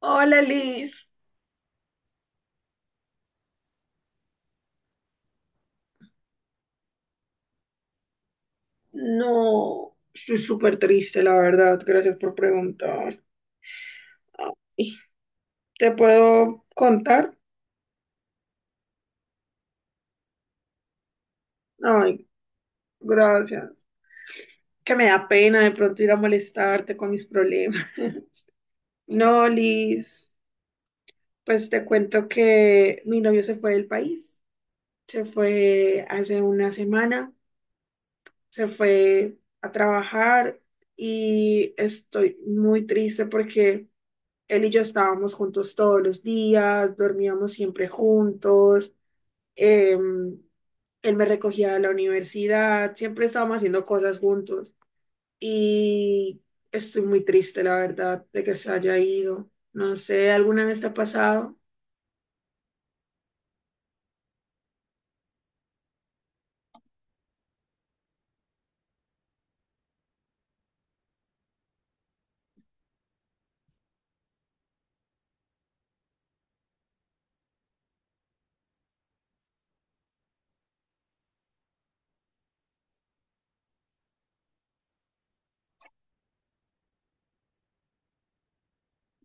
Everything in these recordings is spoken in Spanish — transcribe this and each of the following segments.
Hola Liz, no, estoy súper triste, la verdad, gracias por preguntar. Ay, ¿te puedo contar? Ay, gracias. Que me da pena de pronto ir a molestarte con mis problemas. No, Liz, pues te cuento que mi novio se fue del país, se fue hace una semana, se fue a trabajar y estoy muy triste porque... Él y yo estábamos juntos todos los días, dormíamos siempre juntos, em, él me recogía de la universidad, siempre estábamos haciendo cosas juntos y estoy muy triste, la verdad, de que se haya ido. No sé, ¿alguna vez te ha pasado?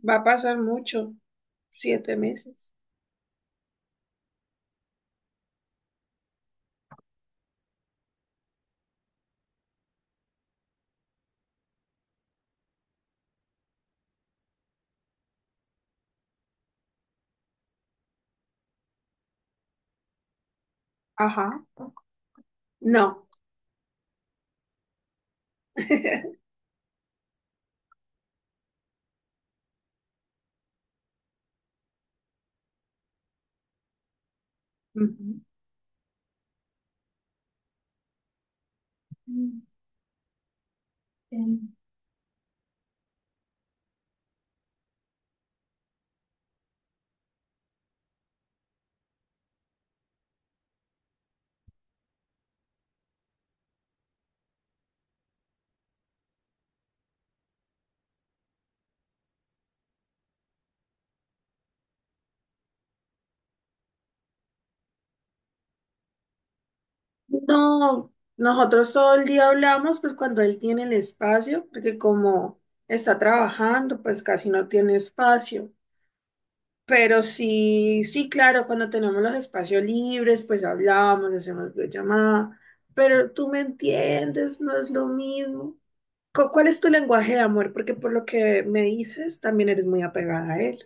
Va a pasar mucho, 7 meses. Ajá. No. Ujú. Mm, No, nosotros todo el día hablamos, pues cuando él tiene el espacio, porque como está trabajando, pues casi no tiene espacio. Pero sí, sí, claro, cuando tenemos los espacios libres, pues hablamos, hacemos videollamada. Pero tú me entiendes, no es lo mismo. ¿Cuál es tu lenguaje de amor? Porque por lo que me dices, también eres muy apegada a él.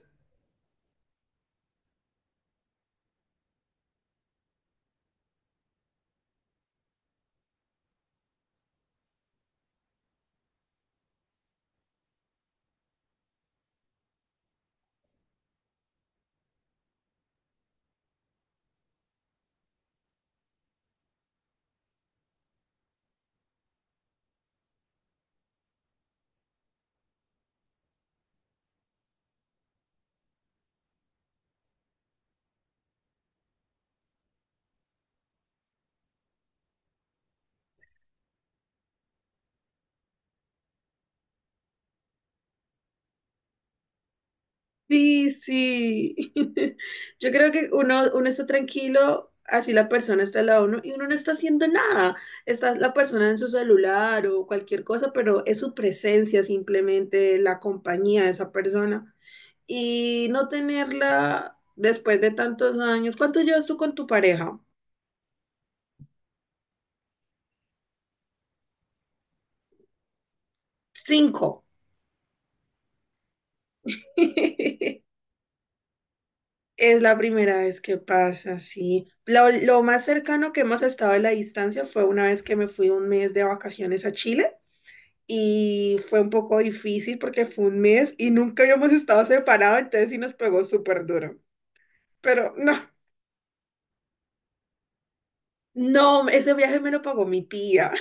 Sí, sí. Yo creo que uno está tranquilo, así la persona está al lado de uno y uno no está haciendo nada. Está la persona en su celular o cualquier cosa, pero es su presencia simplemente, la compañía de esa persona. Y no tenerla después de tantos años. ¿Cuánto llevas tú con tu pareja? Cinco. Es la primera vez que pasa, sí. Lo más cercano que hemos estado a la distancia fue una vez que me fui un mes de vacaciones a Chile. Y fue un poco difícil porque fue un mes y nunca habíamos estado separados, entonces sí nos pegó súper duro. Pero no, no, ese viaje me lo pagó mi tía.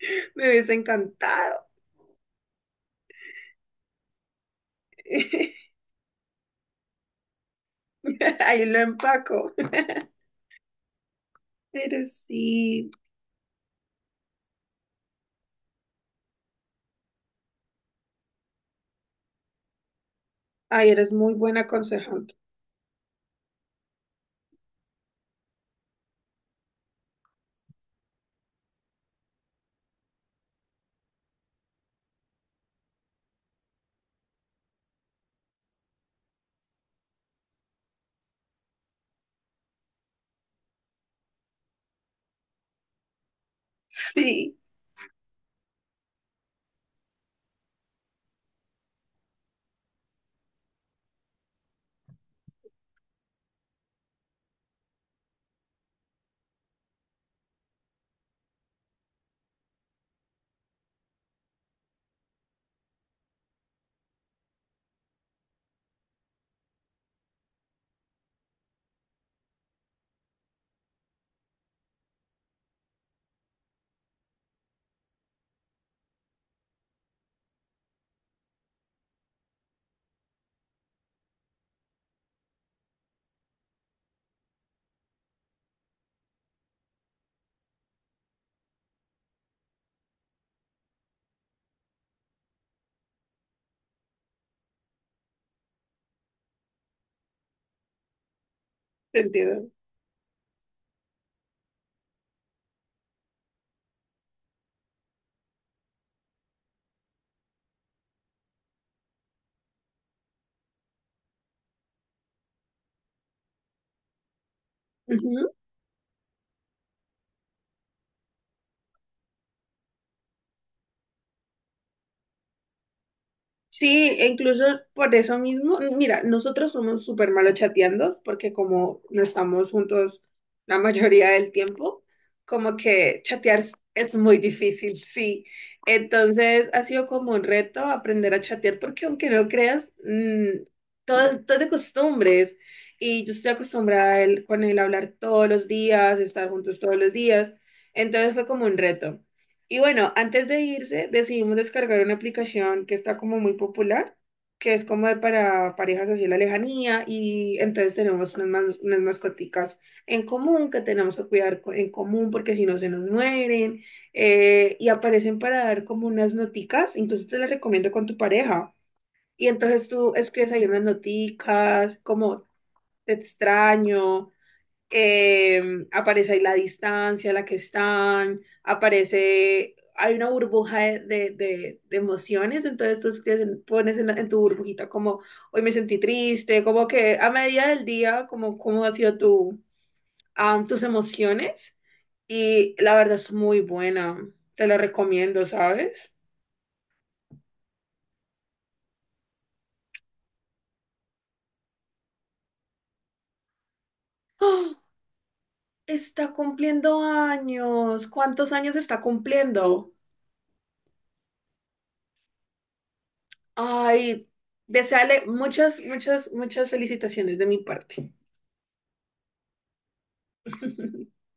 Me hubiese encantado. Ahí lo empaco. Pero sí, ay, eres muy buena aconsejante. Sí, te entiendo. Ujú. Sí, e incluso por eso mismo, mira, nosotros somos súper malos chateando porque como no estamos juntos la mayoría del tiempo, como que chatear es muy difícil, sí. Entonces ha sido como un reto aprender a chatear porque aunque no creas, todo es de costumbres y yo estoy acostumbrada a con él a hablar todos los días, estar juntos todos los días, entonces fue como un reto. Y bueno, antes de irse, decidimos descargar una aplicación que está como muy popular, que es como de para parejas así a la lejanía, y entonces tenemos unas mascoticas en común que tenemos que cuidar en común porque si no se nos mueren, y aparecen para dar como unas noticas, incluso te las recomiendo con tu pareja. Y entonces tú escribes ahí unas noticas, como te extraño, aparece ahí la distancia a la que están, aparece, hay una burbuja de emociones, entonces tú escribes pones en tu burbujita como hoy me sentí triste, como que a medida del día, como cómo ha sido tu, tus emociones y la verdad es muy buena, te la recomiendo, ¿sabes? ¡Ah! Está cumpliendo años, ¿cuántos años está cumpliendo? Ay, desearle muchas, muchas, muchas felicitaciones de mi parte.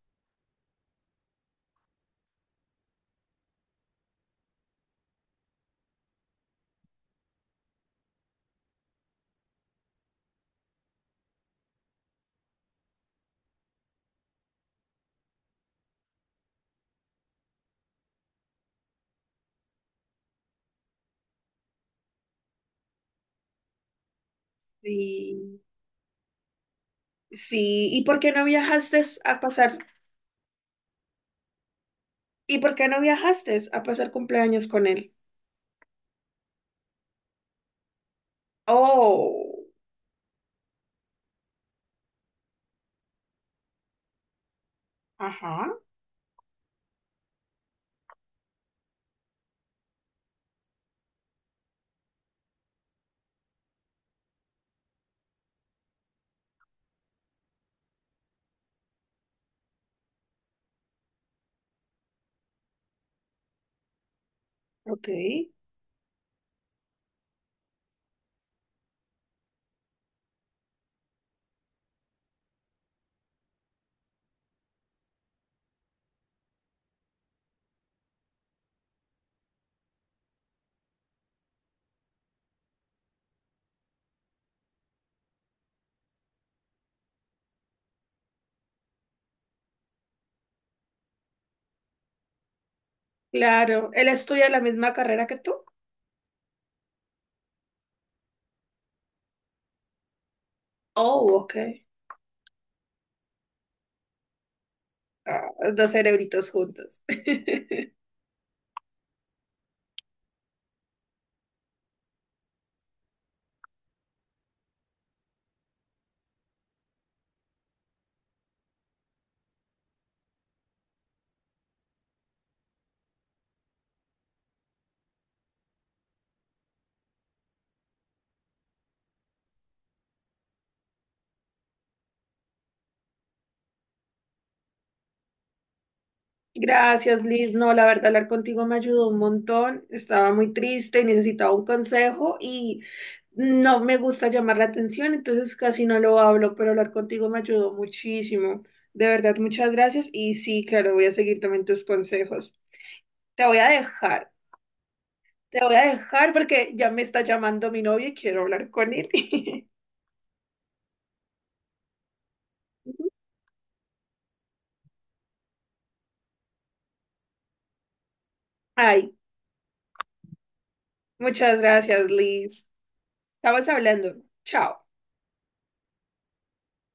Sí, sí. ¿Y por qué no viajaste a pasar? ¿Y por qué no viajaste a pasar cumpleaños con él? Oh, ajá, ok. Claro, ¿él estudia la misma carrera que tú? Oh, ok. Ah, dos cerebritos juntos. Gracias, Liz. No, la verdad, hablar contigo me ayudó un montón. Estaba muy triste y necesitaba un consejo y no me gusta llamar la atención, entonces casi no lo hablo, pero hablar contigo me ayudó muchísimo. De verdad, muchas gracias. Y sí, claro, voy a seguir también tus consejos. Te voy a dejar, te voy a dejar porque ya me está llamando mi novio y quiero hablar con él. Ay, muchas gracias, Liz. Estamos hablando. Chao.